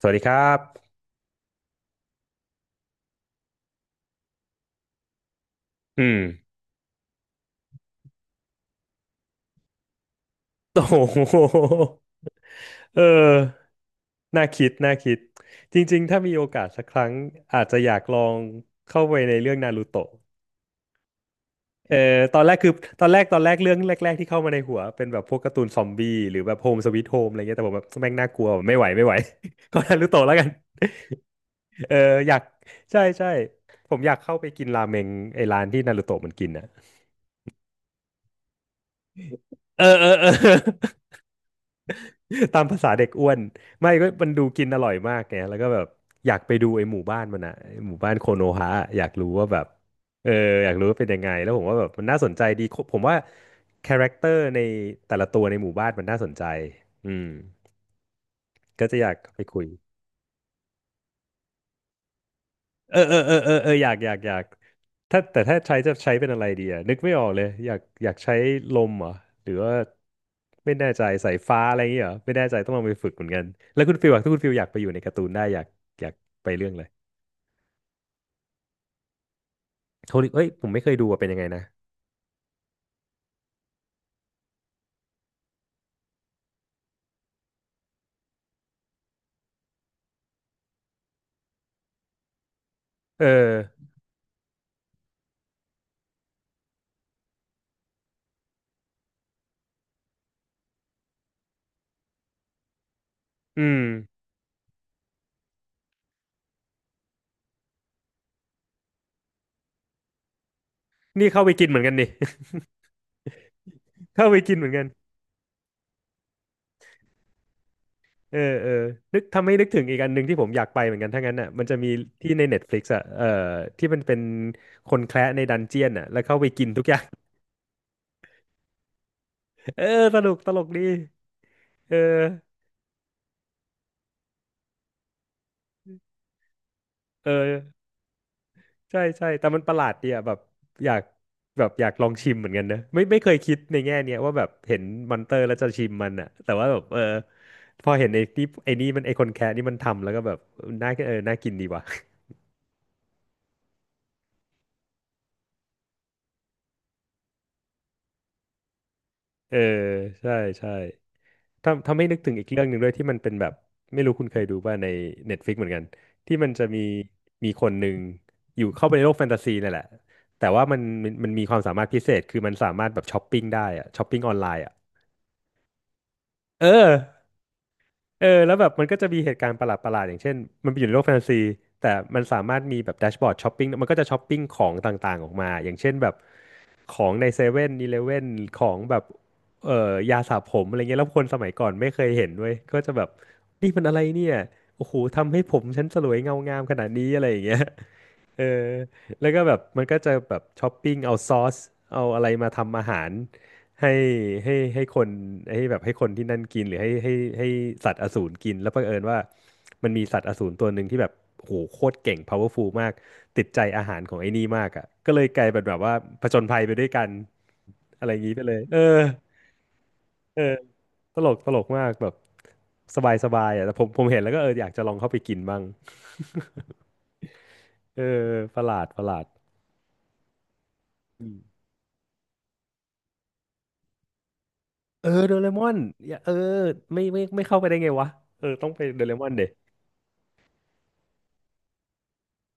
สวัสดีครับอืม โอ้โหเออน่าคิด น่าคิด จริงๆ ถ้ามีโอกาสสักครั้งอาจจะอยากลองเข้าไปในเรื่องนารูโตะเออตอนแรกคือตอนแรกเรื่องแรกๆที่เข้ามาในหัวเป็นแบบพวกการ์ตูนซอมบี้หรือแบบโฮมสวีทโฮมอะไรเงี้ยแต่ผมแบบแม่งน่ากลัวไม่ไหวไม่ไหว ก็นารูโตะแล้วกัน เอออยากใช่ใช่ผมอยากเข้าไปกินราเมงไอ้ร้านที่นารูโตะมันกินนะเออเออเออ ตามภาษาเด็กอ้วนไม่ก็มันดูกินอร่อยมากไงแล้วก็แบบอยากไปดูไอ้หมู่บ้านมันอะไอ้หมู่บ้านโคโนฮะออยากรู้ว่าแบบเอออยากรู้ว่าเป็นยังไงแล้วผมว่าแบบมันน่าสนใจดีผมว่าคาแรคเตอร์ในแต่ละตัวในหมู่บ้านมันน่าสนใจอืมก็จะอยากไปคุย เออเออเออเออเอออยากอยากอยากถ้าแต่ถ้าใช้จะใช้เป็นอะไรดีอะนึกไม่ออกเลยอยากอยากใช้ลมเหรอหรือว่าไม่แน่ใจสายฟ้าอะไรอย่างเงี้ยเหรอไม่แน่ใจต้องลองไปฝึกเหมือนกันแล้วคุณฟิลอะถ้าคุณฟิลอยากไปอยู่ในการ์ตูนได้อยากอยากไปเรื่องเลยโทนี่เอ้ยผมไม่เคยดูว่าเป็นยังไงนะเอออืมนี่เข้าไปกินเหมือนกันดิ เข้าไปกินเหมือนกันเออเออนึกทำให้นึกถึงอีกอันหนึ่งที่ผมอยากไปเหมือนกันถ้างั้นอ่ะมันจะมีที่ใน Netflix อ่ะเออที่มันเป็นคนแคระในดันเจียนอ่ะแล้วเข้าไปกินทุกอย่าง เออสนุกตลกดีเออเออใช่ใช่แต่มันประหลาดดีอ่ะแบบอยากแบบอยากลองชิมเหมือนกันนะไม่ไม่เคยคิดในแง่เนี้ยว่าแบบเห็นมอนเตอร์แล้วจะชิมมันอ่ะแต่ว่าแบบเออพอเห็นไอ้นี่มันไอคนแคะนี่มันทำแล้วก็แบบน่าเออน่ากินดีว่ะ เออใช่ใช่ ทำให้าไม่นึกถึงอีกเรื่องหนึ่งด้วยที่มันเป็นแบบไม่รู้คุณเคยดูป่ะใน Netflix เหมือนกันที่มันจะมีมีคนหนึ่งอยู่เข้าไปในโลกแฟนตาซีนั่นแหละแต่ว่ามันมีความสามารถพิเศษคือมันสามารถแบบช้อปปิ้งได้อะช้อปปิ้งออนไลน์อะเออเออแล้วแบบมันก็จะมีเหตุการณ์ประหลาดประหลาดอย่างเช่นมันไปอยู่ในโลกแฟนตาซีแต่มันสามารถมีแบบแดชบอร์ดช้อปปิ้งมันก็จะช้อปปิ้งของต่างๆออกมาอย่างเช่นแบบ ของในเซเว่นอีเลฟเว่นของแบบยาสระผมอะไรเงี้ยแล้วคนสมัยก่อนไม่เคยเห็นเว้ยก็จะแบบนี่มันอะไรเนี่ยโอ้โหทำให้ผมฉันสลวยเงางามขนาดนี้อะไรอย่างเงี้ย เออแล้วก็แบบมันก็จะแบบช้อปปิ้งเอาซอสเอาอะไรมาทำอาหารให้คนให้แบบให้คนที่นั่นกินหรือให้สัตว์อสูรกินแล้วเผอิญว่ามันมีสัตว์อสูรตัวหนึ่งที่แบบโหโคตรเก่ง powerful มากติดใจอาหารของไอ้นี่มากอ่ะก็เลยกลายเป็นแบบว่าผจญภัยไปด้วยกันอะไรอย่างนี้ไปเลยเออเออตลกตลกมากแบบสบายสบายอ่ะแต่ผมผมเห็นแล้วก็เอออยากจะลองเข้าไปกินบ้าง เออประหลาดประหลาด เออโดเรมอนอย่าเออไม่ไม่ไม่เข้าไปได้ไงวะเออต้องไปโดเรมอนเด็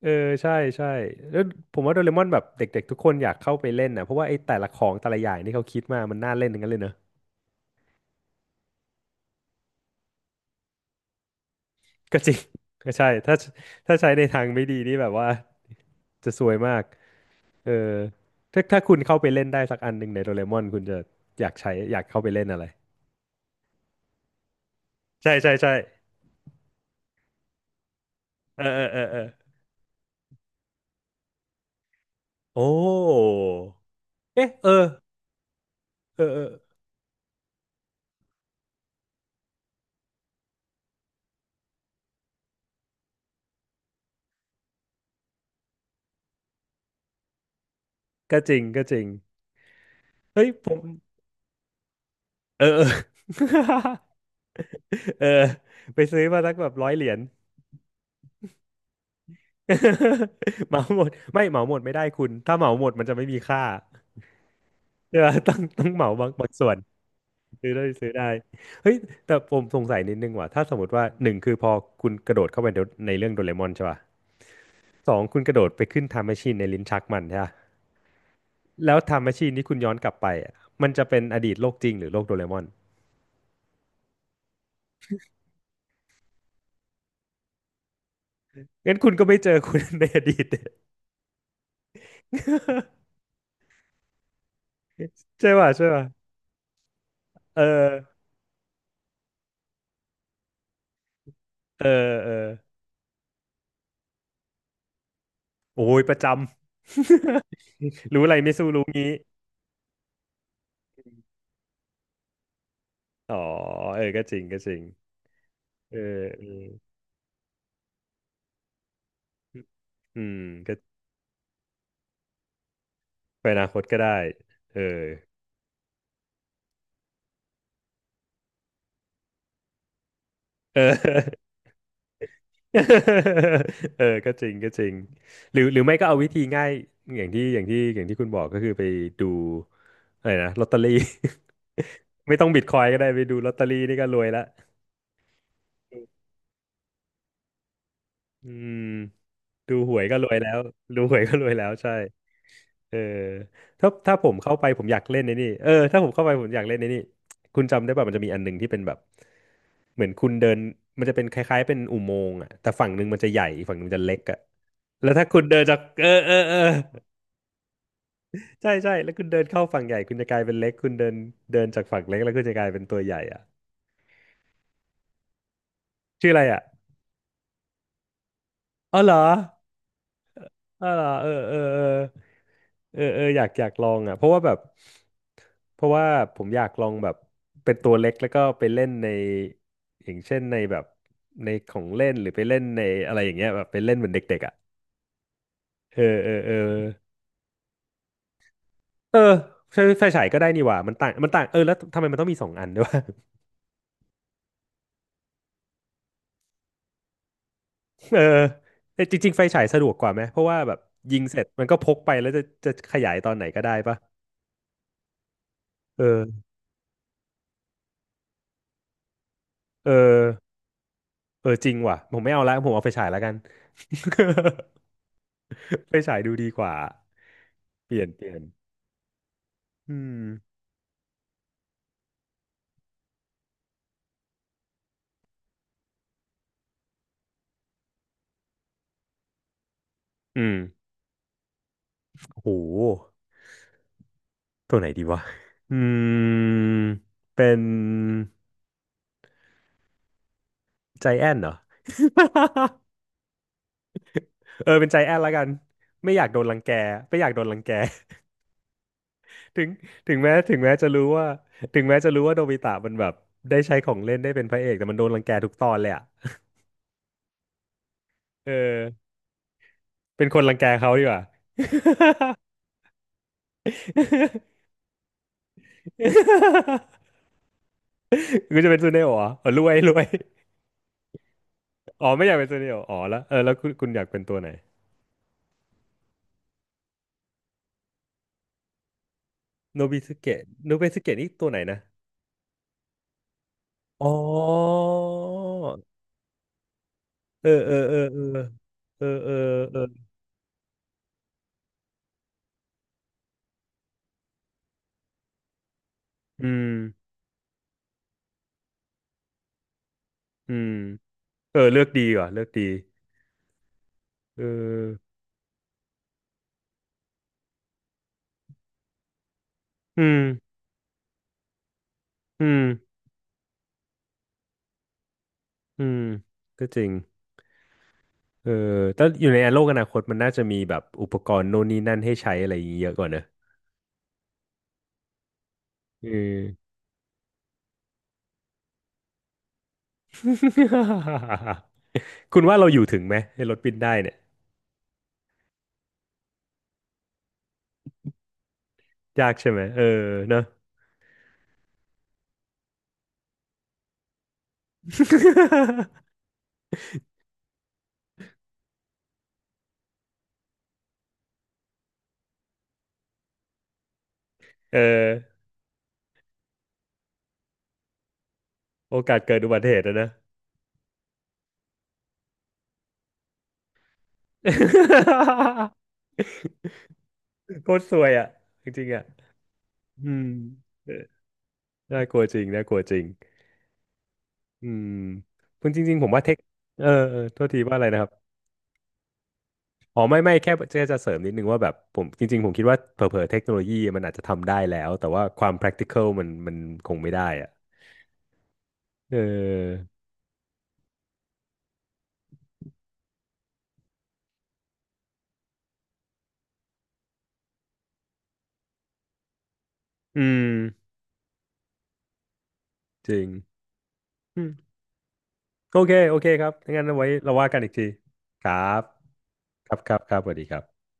เออใช่ใช่แล้วผมว่าโดเรมอนแบบเด็กๆทุกคนอยากเข้าไปเล่นนะเพราะว่าไอ้แต่ละของแต่ละอย่างที่เขาคิดมามันน่าเล่นทั้งนั้นเลยเนอะก็จริง ก็ใช่ถ้าถ้าใช้ในทางไม่ดีนี่แบบว่าจะซวยมากเออถ้าถ้าคุณเข้าไปเล่นได้สักอันหนึ่งในโดเรมอนคุณจะอยากใช้อยากเข้าไปเล่นอะไรใช่ใช่ใช่เออเออเออเออโอ้เอ๊ะเออเออเออก็จริงก็จริงเฮ้ยผม เออเออ เออไปซื้อมาสักแบบ100 เหรียญ เหมาหมดไม่เหมาหมดไม่ได้คุณถ้าเหมาหมดมันจะไม่มีค่าใช่ปะต้องต้องเหมาบางบางส่วนซื้อได้ซื้อได้เฮ้ยแต่ผมสงสัยนิดนึงว่ะถ้าสมมติว่าหนึ่งคือพอคุณกระโดดเข้าไปในในเรื่องโดเรมอนใช่ป่ะสองคุณกระโดดไปขึ้นไทม์แมชชีนในลิ้นชักมันใช่ป่ะแล้วไทม์แมชชีนที่คุณย้อนกลับไปอะมันจะเป็นอดีตโลกจริงหรือโลกโดเรมอนงั้นคุณก็ไม่เจอคุณ ในอดีต ใช่ป่ะใช่ป่ะเออเออเออ โอ้ยประจำ รู้อะไรไม่สู้รู้งี้อ๋อเออก็จริงก็จริงเออเอออืมก็ไปอนาคตก็ได้เออเออ เออก็จริงก็จริงหรือหรือไม่ก็เอาวิธีง่ายอย่างที่คุณบอกก็คือไปดูอะไรนะลอตเตอรี่ ไม่ต้องบิตคอยก็ได้ไปดูลอตเตอรี่นี่ก็รวยละอืมดูหวยก็รวยแล้วดูหวยก็รวยแล้วใช่ เออถ้าผมเข้าไปผมอยากเล่นในนี่เออถ้าผมเข้าไปผมอยากเล่นในนี่คุณจำได้ป่ะมันจะมีอันหนึ่งที่เป็นแบบเหมือนคุณเดินมันจะเป็นคล้ายๆเป็นอุโมงค์อ่ะแต่ฝั่งหนึ่งมันจะใหญ่อีกฝั่งหนึ่งมันจะเล็กอ่ะแล้วถ้าคุณเดินจากเออเออเออใช่ใช่แล้วคุณเดินเข้าฝั่งใหญ่คุณจะกลายเป็นเล็กคุณเดินเดินจากฝั่งเล็กแล้วคุณจะกลายเป็นตัวใหญ่อ่ะชื่ออะไรอ่ะอ๋อเหรอ อ่าเออเออเออเออเอออยากอยากลองอ่ะเพราะว่าแบบเพราะว่าผมอยากลองแบบเป็นตัวเล็กแล้วก็ไปเล่นในอย่างเช่นในแบบในของเล่นหรือไปเล่นในอะไรอย่างเงี้ยแบบไปเล่นเหมือนเด็กๆอ่ะเออเออเออเออใช้ไฟฉายก็ได้นี่หว่ามันต่างเออแล้วทำไมมันต้องมีสองอันด้วยวะเออแต่จริงๆไฟฉายสะดวกกว่าไหมเพราะว่าแบบยิงเสร็จมันก็พกไปแล้วจะขยายตอนไหนก็ได้ปะเออเออ เออจริงว่ะผมไม่เอาละผมเอาไฟฉายแล้วกัน ไฟฉายดูดีกว่าเปลี่ยนเปลี่ยนอืมอืมโอ้โหตัวไหนดีวะอืมเป็นใจแอนเหรอ เออเป็นใจแอนแล้วกันไม่อยากโดนรังแกไม่อยากโดนรังแก ถึงถึงแม้จะรู้ว่าถึงแม้จะรู้ว่าโนบิตะมันแบบได้ใช้ของเล่นได้เป็นพระเอกแต่มันโดนรังแกทุกตอนเลยอะเออเป็นคนรังแกเขาดีกว่า คุณจะเป็นซูเนโอะเหรออ๋อรวยรวย อ๋อไม่อยากเป็นซูเนโอะอ๋อแล้วเออแล้วคุณอยากเป็นตัวไหนโนบิสเกะโนบิสเกะนี่ตัวไหนนะอ๋อเออเออเออเออเออเออเอออืมอืมเออเลือกดีว่ะเลือกดีเอออืมอืมอืมก็จริงเออแต่อยู่ในโลกอนาคตมันน่าจะมีแบบอุปกรณ์โน่นนี่นั่นให้ใช้อะไรอย่างงี้เยอะกว่าเนอะเออ คุณว่าเราอยู่ถึงไหมไอ้รถบินได้เนี่ย ยากใช่ไหมเออเนอะ เออ โอกาสเกิดอุบัติเหตุอะนะ โคตรซวยอ่ะ จริงๆอ่ะ อืมเออน่ากลัวจริงน่ากลัวจริง อืมคุณจริงๆผมว่าเทคเออเออ โทษทีว่าอะไรนะครับ อ๋อ ไม่ไม่แค่จะเสริมนิดนึงว่าแบบผมจริงๆผมคิดว่าเผลอๆเทคโนโลยีมันอาจจะทำได้แล้วแต่ว่าความ practical มันคงไม่ได้อ่ะเอออืมจริง โอเค โอเคครับงั้นเอาไว้เราว่ากันอีกที ครับ ครับ ครับครับสวัสดีครับ